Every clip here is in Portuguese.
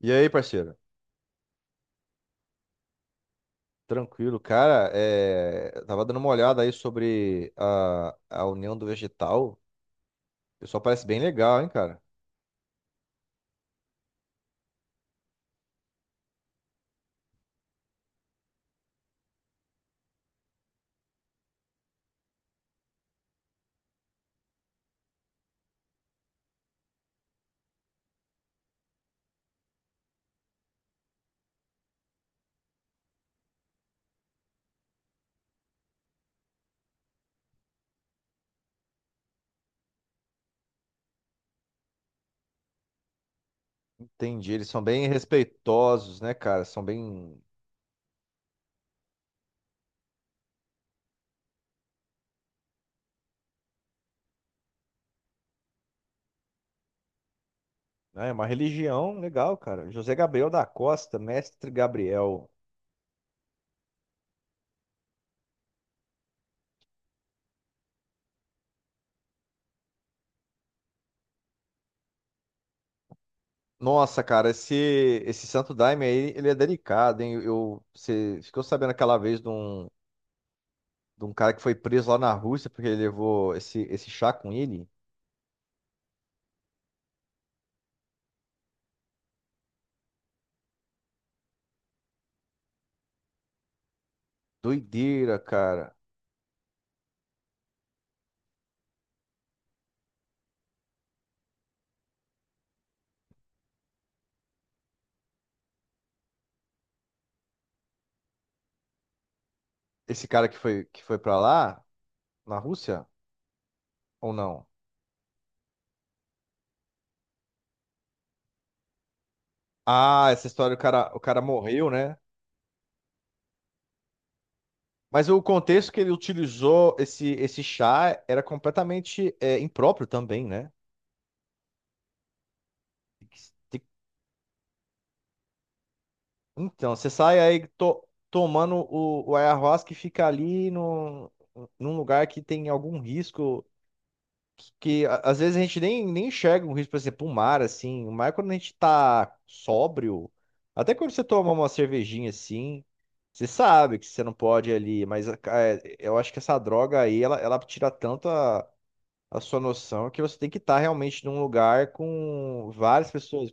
E aí, parceiro? Tranquilo, cara. Eu tava dando uma olhada aí sobre a União do Vegetal. O pessoal parece bem legal, hein, cara? Entendi. Eles são bem respeitosos, né, cara? São bem. É uma religião legal, cara. José Gabriel da Costa, mestre Gabriel. Nossa, cara, esse Santo Daime aí, ele é delicado, hein? Eu, você ficou sabendo aquela vez de um cara que foi preso lá na Rússia porque ele levou esse chá com ele? Doideira, cara. Esse cara que foi pra lá, na Rússia, ou não? Ah, essa história, o cara morreu, né? Mas o contexto que ele utilizou esse chá era completamente impróprio também, né? Tem que- tem- Então, você sai aí tomando o ayahuasca e fica ali no, num lugar que tem algum risco que, às vezes a gente nem enxerga um risco, por exemplo, o mar, assim. O mar, quando a gente tá sóbrio, até quando você toma uma cervejinha assim, você sabe que você não pode ir ali, mas é, eu acho que essa droga aí, ela tira tanto a sua noção que você tem que estar realmente num lugar com várias pessoas.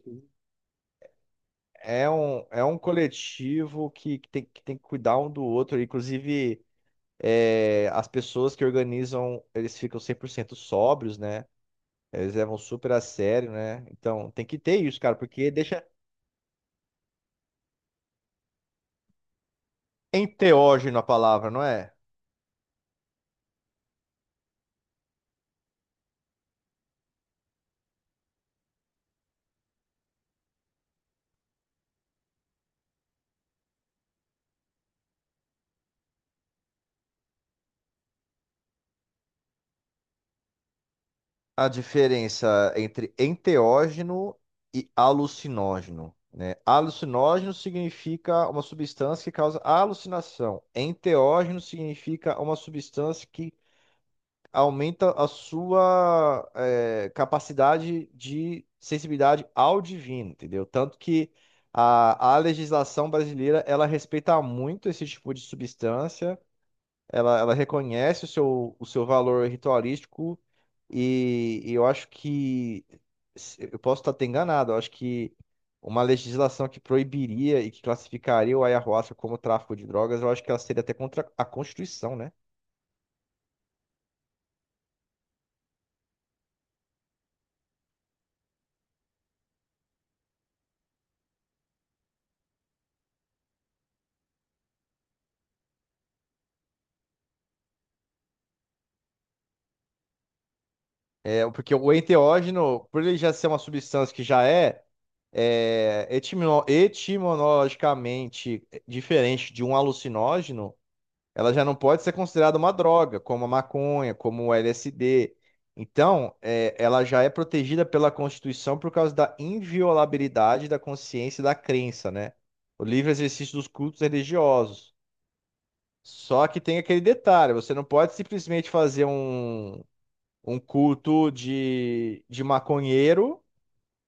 É um coletivo que, que tem que cuidar um do outro, inclusive. É, as pessoas que organizam, eles ficam 100% sóbrios, né? Eles levam super a sério, né? Então tem que ter isso, cara, porque deixa enteógeno a palavra, não é? A diferença entre enteógeno e alucinógeno, né? Alucinógeno significa uma substância que causa alucinação. Enteógeno significa uma substância que aumenta a sua capacidade de sensibilidade ao divino, entendeu? Tanto que a legislação brasileira, ela respeita muito esse tipo de substância, ela reconhece o seu valor ritualístico e eu acho que, eu posso estar até enganado, eu acho que uma legislação que proibiria e que classificaria o ayahuasca como tráfico de drogas, eu acho que ela seria até contra a Constituição, né? É, porque o enteógeno, por ele já ser uma substância que etimologicamente diferente de um alucinógeno, ela já não pode ser considerada uma droga, como a maconha, como o LSD. Então, é, ela já é protegida pela Constituição por causa da inviolabilidade da consciência e da crença, né? O livre exercício dos cultos religiosos. Só que tem aquele detalhe, você não pode simplesmente fazer um culto de maconheiro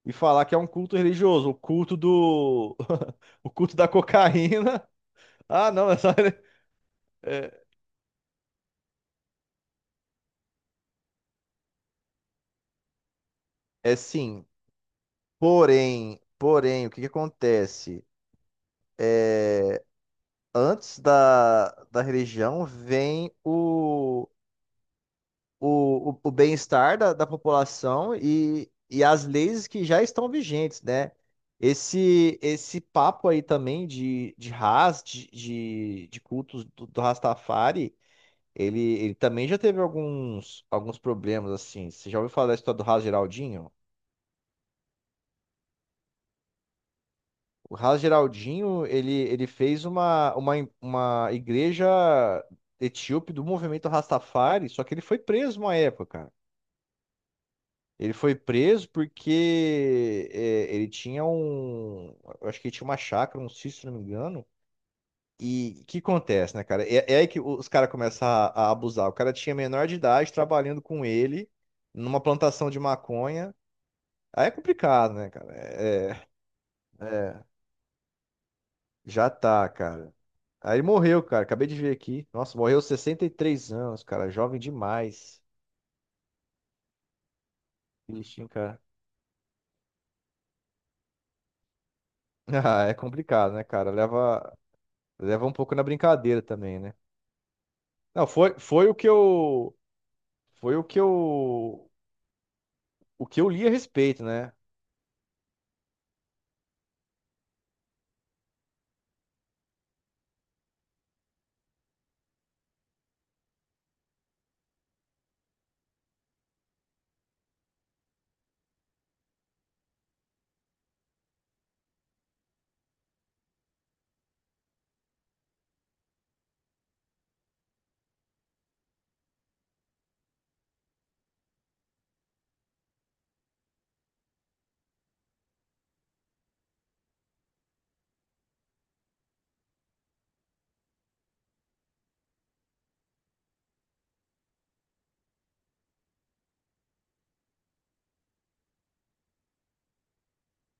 e falar que é um culto religioso, o culto do o culto da cocaína. Ah, não, essa é, é sim. Porém, porém, o que que acontece? É, antes da religião vem o bem-estar da população e as leis que já estão vigentes, né? Esse papo aí também de Haas, de cultos do Rastafari, ele também já teve alguns, alguns problemas, assim. Você já ouviu falar da história do Haas Geraldinho? O Haas Geraldinho, ele fez uma igreja etíope do movimento Rastafari, só que ele foi preso uma época. Ele foi preso porque é, ele tinha um. Eu acho que ele tinha uma chácara, um sítio, se não me engano. E o que acontece, né, cara? É aí que os caras começam a abusar. O cara tinha menor de idade trabalhando com ele numa plantação de maconha. Aí é complicado, né, cara? É, é, já tá, cara. Aí ele morreu, cara. Acabei de ver aqui. Nossa, morreu aos 63 anos, cara. Jovem demais. Triste, hein, cara? Ah, é complicado, né, cara? Leva um pouco na brincadeira também, né? Não, foi o que eu, foi o que eu li a respeito, né?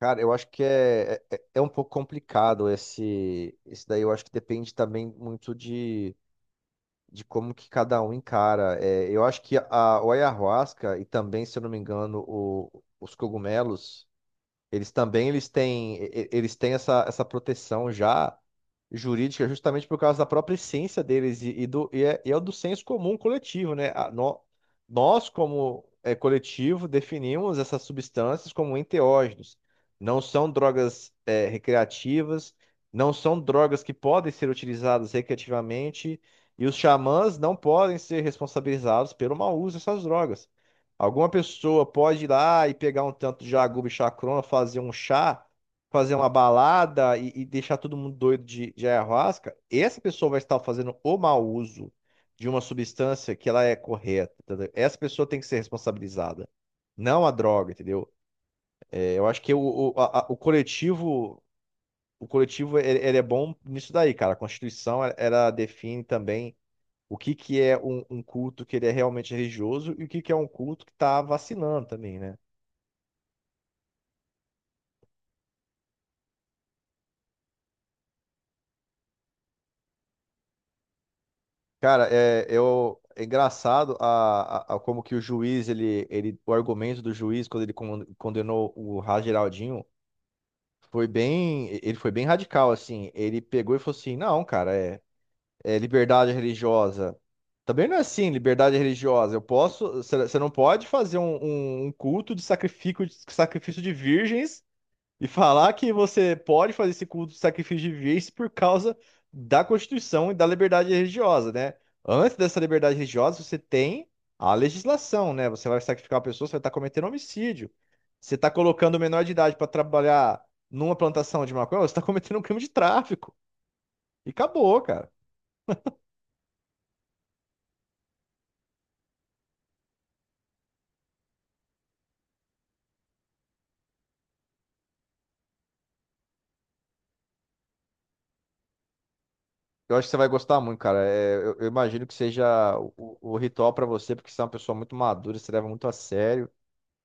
Cara, eu acho que é um pouco complicado esse daí. Eu acho que depende também muito de como que cada um encara. É, eu acho que a, o ayahuasca e também, se eu não me engano, os cogumelos eles também eles têm essa proteção já jurídica justamente por causa da própria essência deles e é do senso comum coletivo, né? Nós, como é, coletivo, definimos essas substâncias como enteógenos. Não são drogas recreativas, não são drogas que podem ser utilizadas recreativamente, e os xamãs não podem ser responsabilizados pelo mau uso dessas drogas. Alguma pessoa pode ir lá e pegar um tanto de jaguba e chacrona, fazer um chá, fazer uma balada e deixar todo mundo doido de ayahuasca. Essa pessoa vai estar fazendo o mau uso de uma substância que ela é correta. Entendeu? Essa pessoa tem que ser responsabilizada, não a droga, entendeu? É, eu acho que o coletivo ele é bom nisso daí, cara. A Constituição ela define também o que que é um, um culto que ele é realmente religioso e o que que é um culto que está vacinando também, né? Cara, é, eu, é engraçado a como que o juiz, o argumento do juiz quando ele condenou o Ra Geraldinho foi bem, ele foi bem radical, assim. Ele pegou e falou assim, não, cara, é, é liberdade religiosa. Também não é assim, liberdade religiosa. Eu posso, você não pode fazer um culto de sacrifício, de sacrifício de virgens e falar que você pode fazer esse culto de sacrifício de fiéis por causa da Constituição e da liberdade religiosa, né? Antes dessa liberdade religiosa, você tem a legislação, né? Você vai sacrificar uma pessoa, você vai estar cometendo homicídio. Você está colocando o menor de idade para trabalhar numa plantação de maconha, você está cometendo um crime de tráfico. E acabou, cara. Eu acho que você vai gostar muito, cara. É, eu imagino que seja o ritual para você, porque você é uma pessoa muito madura, você leva muito a sério.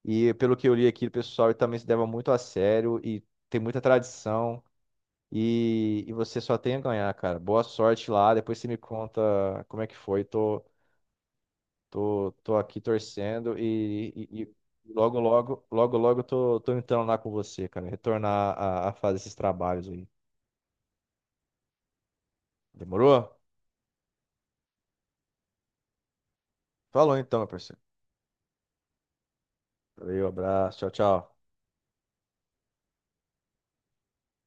E pelo que eu li aqui, o pessoal também se leva muito a sério e tem muita tradição. E você só tem a ganhar, cara. Boa sorte lá. Depois você me conta como é que foi. Tô aqui torcendo e logo tô entrando lá com você, cara. Retornar a fazer esses trabalhos aí. Demorou? Falou então, meu parceiro. Valeu, abraço. Tchau, tchau.